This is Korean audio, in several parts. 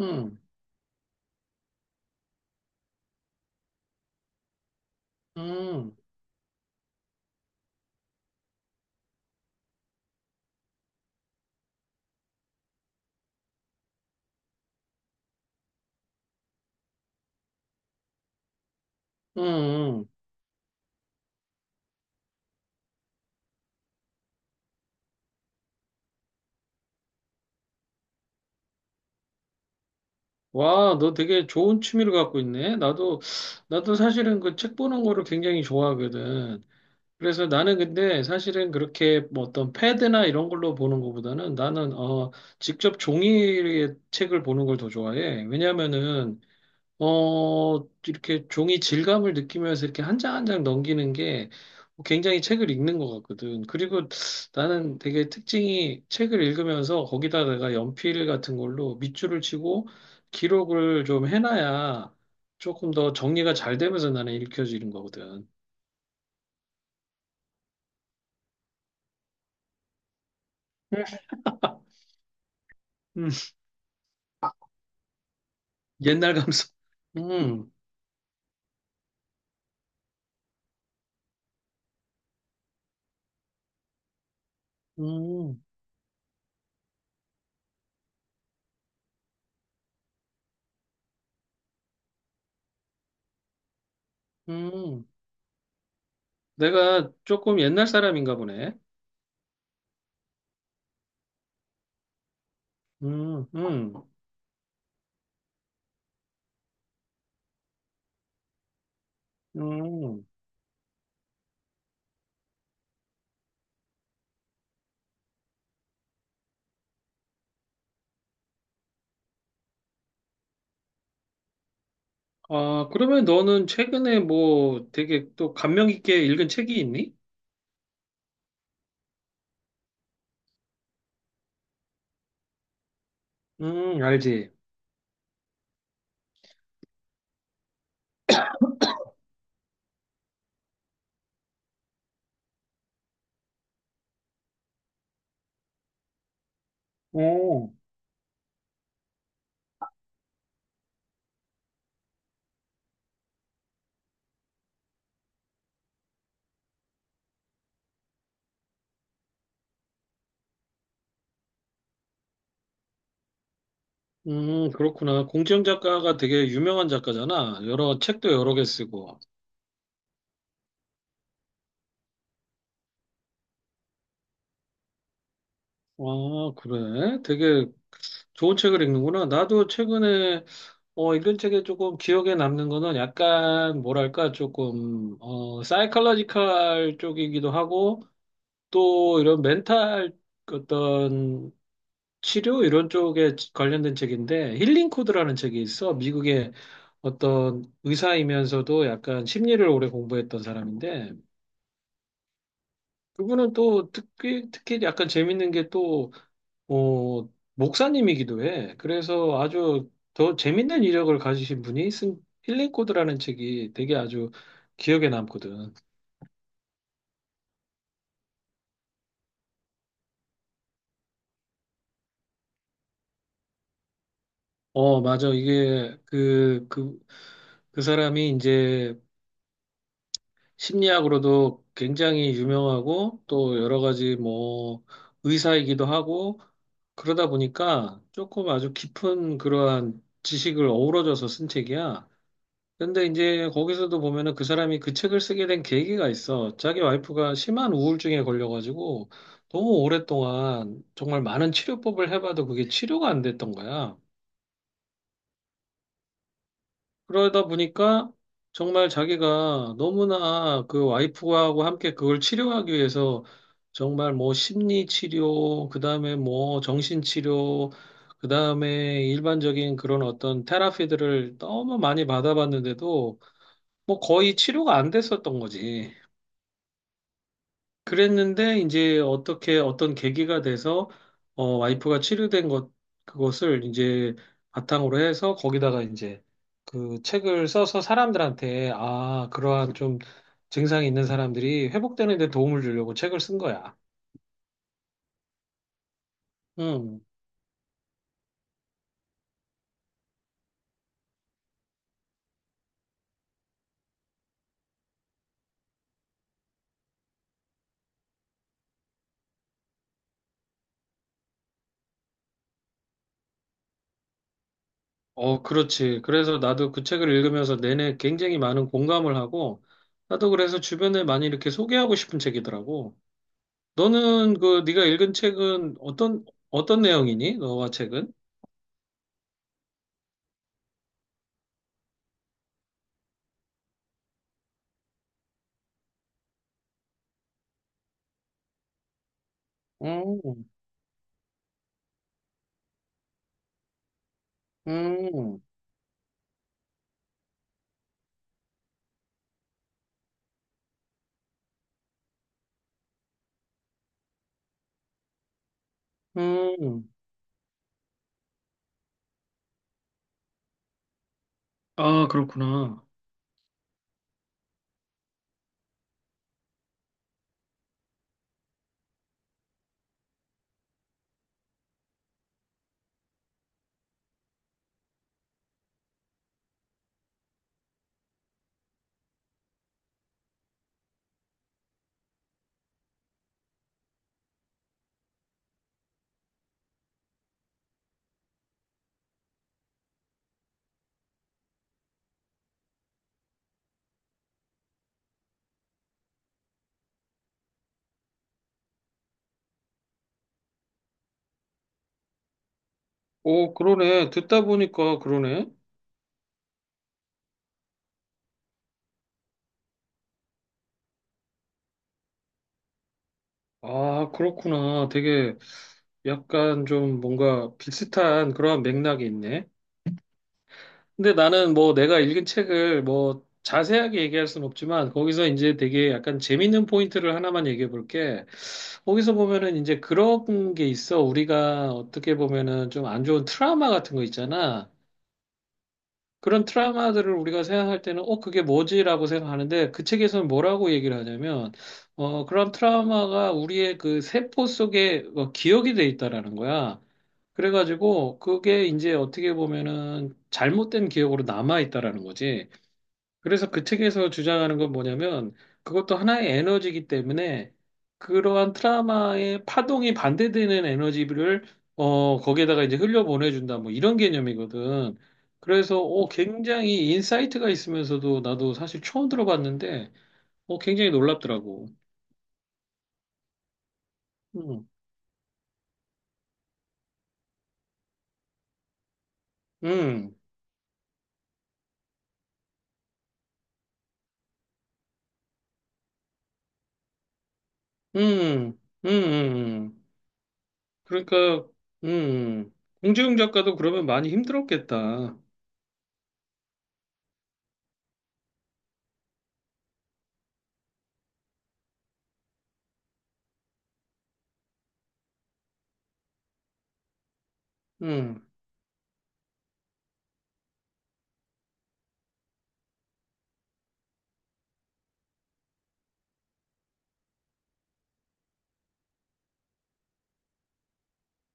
응, 응, 응, 응. 와, 너 되게 좋은 취미를 갖고 있네. 나도 사실은 그 책 보는 거를 굉장히 좋아하거든. 그래서 나는 근데 사실은 그렇게 뭐 어떤 패드나 이런 걸로 보는 것보다는 나는, 직접 종이의 책을 보는 걸 더 좋아해. 왜냐면은 이렇게 종이 질감을 느끼면서 이렇게 한 장 한 장 넘기는 게 굉장히 책을 읽는 것 같거든. 그리고 나는 되게 특징이 책을 읽으면서 거기다 내가 연필 같은 걸로 밑줄을 치고 기록을 좀 해놔야 조금 더 정리가 잘 되면서 나는 읽혀지는 거거든. 음. 음, 옛날 감성. 음, 음, 음. 내가 조금 옛날 사람인가 보네. 음, 음, 음. 아, 그러면 너는 최근에 뭐 되게 또 감명 깊게 읽은 책이 있니? 알지. 오. 그렇구나. 공지영 작가가 되게 유명한 작가잖아. 여러 책도 여러 개 쓰고. 아, 그래? 되게 좋은 책을 읽는구나. 나도 최근에 읽은 책에 조금 기억에 남는 거는 약간 뭐랄까 조금 사이컬러지컬 쪽이기도 하고 또 이런 멘탈 어떤 치료 이런 쪽에 관련된 책인데 힐링 코드라는 책이 있어. 미국의 어떤 의사이면서도 약간 심리를 오래 공부했던 사람인데 그분은 또 특히 약간 재밌는 게 또 어, 목사님이기도 해. 그래서 아주 더 재밌는 이력을 가지신 분이 쓴 힐링 코드라는 책이 되게 아주 기억에 남거든. 어, 맞아. 이게 그 사람이 이제 심리학으로도 굉장히 유명하고 또 여러 가지 뭐 의사이기도 하고 그러다 보니까 조금 아주 깊은 그러한 지식을 어우러져서 쓴 책이야. 근데 이제 거기서도 보면은 그 사람이 그 책을 쓰게 된 계기가 있어. 자기 와이프가 심한 우울증에 걸려가지고 너무 오랫동안 정말 많은 치료법을 해봐도 그게 치료가 안 됐던 거야. 그러다 보니까 정말 자기가 너무나 그 와이프하고 함께 그걸 치료하기 위해서 정말 뭐 심리 치료, 그다음에 뭐 정신 치료, 그다음에 일반적인 그런 어떤 테라피들을 너무 많이 받아봤는데도 뭐 거의 치료가 안 됐었던 거지. 그랬는데 이제 어떻게 어떤 계기가 돼서 와이프가 치료된 것 그것을 이제 바탕으로 해서 거기다가 이제 그 책을 써서 사람들한테 아 그러한 좀 증상이 있는 사람들이 회복되는 데 도움을 주려고 책을 쓴 거야. 음. 어, 그렇지. 그래서 나도 그 책을 읽으면서 내내 굉장히 많은 공감을 하고 나도 그래서 주변에 많이 이렇게 소개하고 싶은 책이더라고. 너는 그 네가 읽은 책은 어떤 내용이니? 너와 책은? 음, 음, 음. 아, 그렇구나. 오, 그러네. 듣다 보니까 그러네. 아, 그렇구나. 되게 약간 좀 뭔가 비슷한 그런 맥락이 있네. 근데 나는 뭐 내가 읽은 책을 뭐 자세하게 얘기할 순 없지만 거기서 이제 되게 약간 재밌는 포인트를 하나만 얘기해 볼게. 거기서 보면은 이제 그런 게 있어. 우리가 어떻게 보면은 좀 안 좋은 트라우마 같은 거 있잖아. 그런 트라우마들을 우리가 생각할 때는, 그게 뭐지라고 생각하는데, 그 책에서는 뭐라고 얘기를 하냐면, 그런 트라우마가 우리의 그 세포 속에 기억이 돼 있다라는 거야. 그래가지고, 그게 이제 어떻게 보면은 잘못된 기억으로 남아 있다라는 거지. 그래서 그 책에서 주장하는 건 뭐냐면 그것도 하나의 에너지이기 때문에 그러한 트라마의 파동이 반대되는 에너지를 거기에다가 이제 흘려보내준다 뭐 이런 개념이거든. 그래서 굉장히 인사이트가 있으면서도 나도 사실 처음 들어봤는데 굉장히 놀랍더라고. 음, 음, 음, 음. 그러니까 음 공지웅 작가도 그러면 많이 힘들었겠다. 음,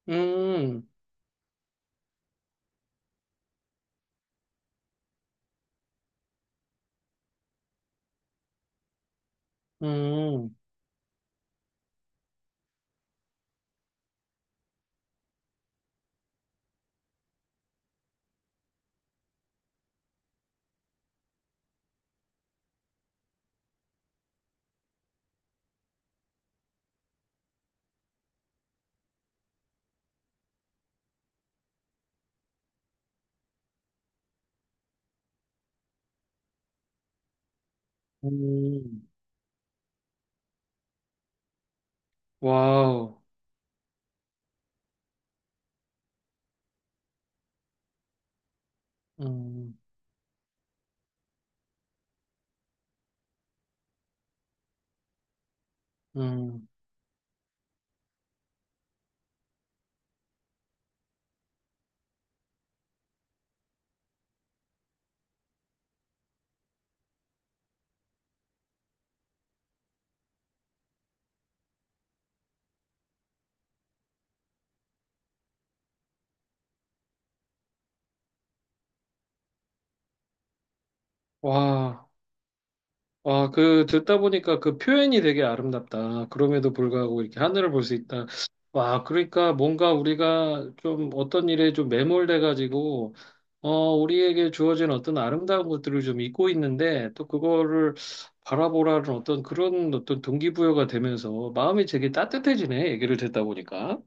음, 음. 음. 와우. 음, 음, 와. 와, 듣다 보니까 그 표현이 되게 아름답다. 그럼에도 불구하고 이렇게 하늘을 볼 수 있다. 와, 그러니까 뭔가 우리가 좀 어떤 일에 좀 매몰돼가지고, 어, 우리에게 주어진 어떤 아름다운 것들을 좀 잊고 있는데, 또 그거를 바라보라는 어떤 그런 어떤 동기부여가 되면서 마음이 되게 따뜻해지네. 얘기를 듣다 보니까.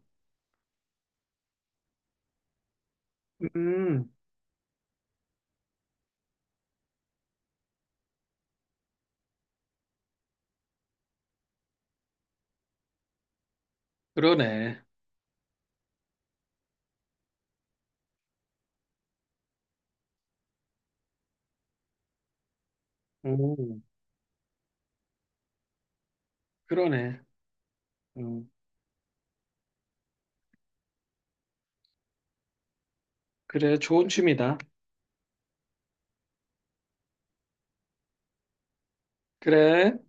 음, 그러네. 음, 그러네. 음, 그래, 좋은 취미다. 그래.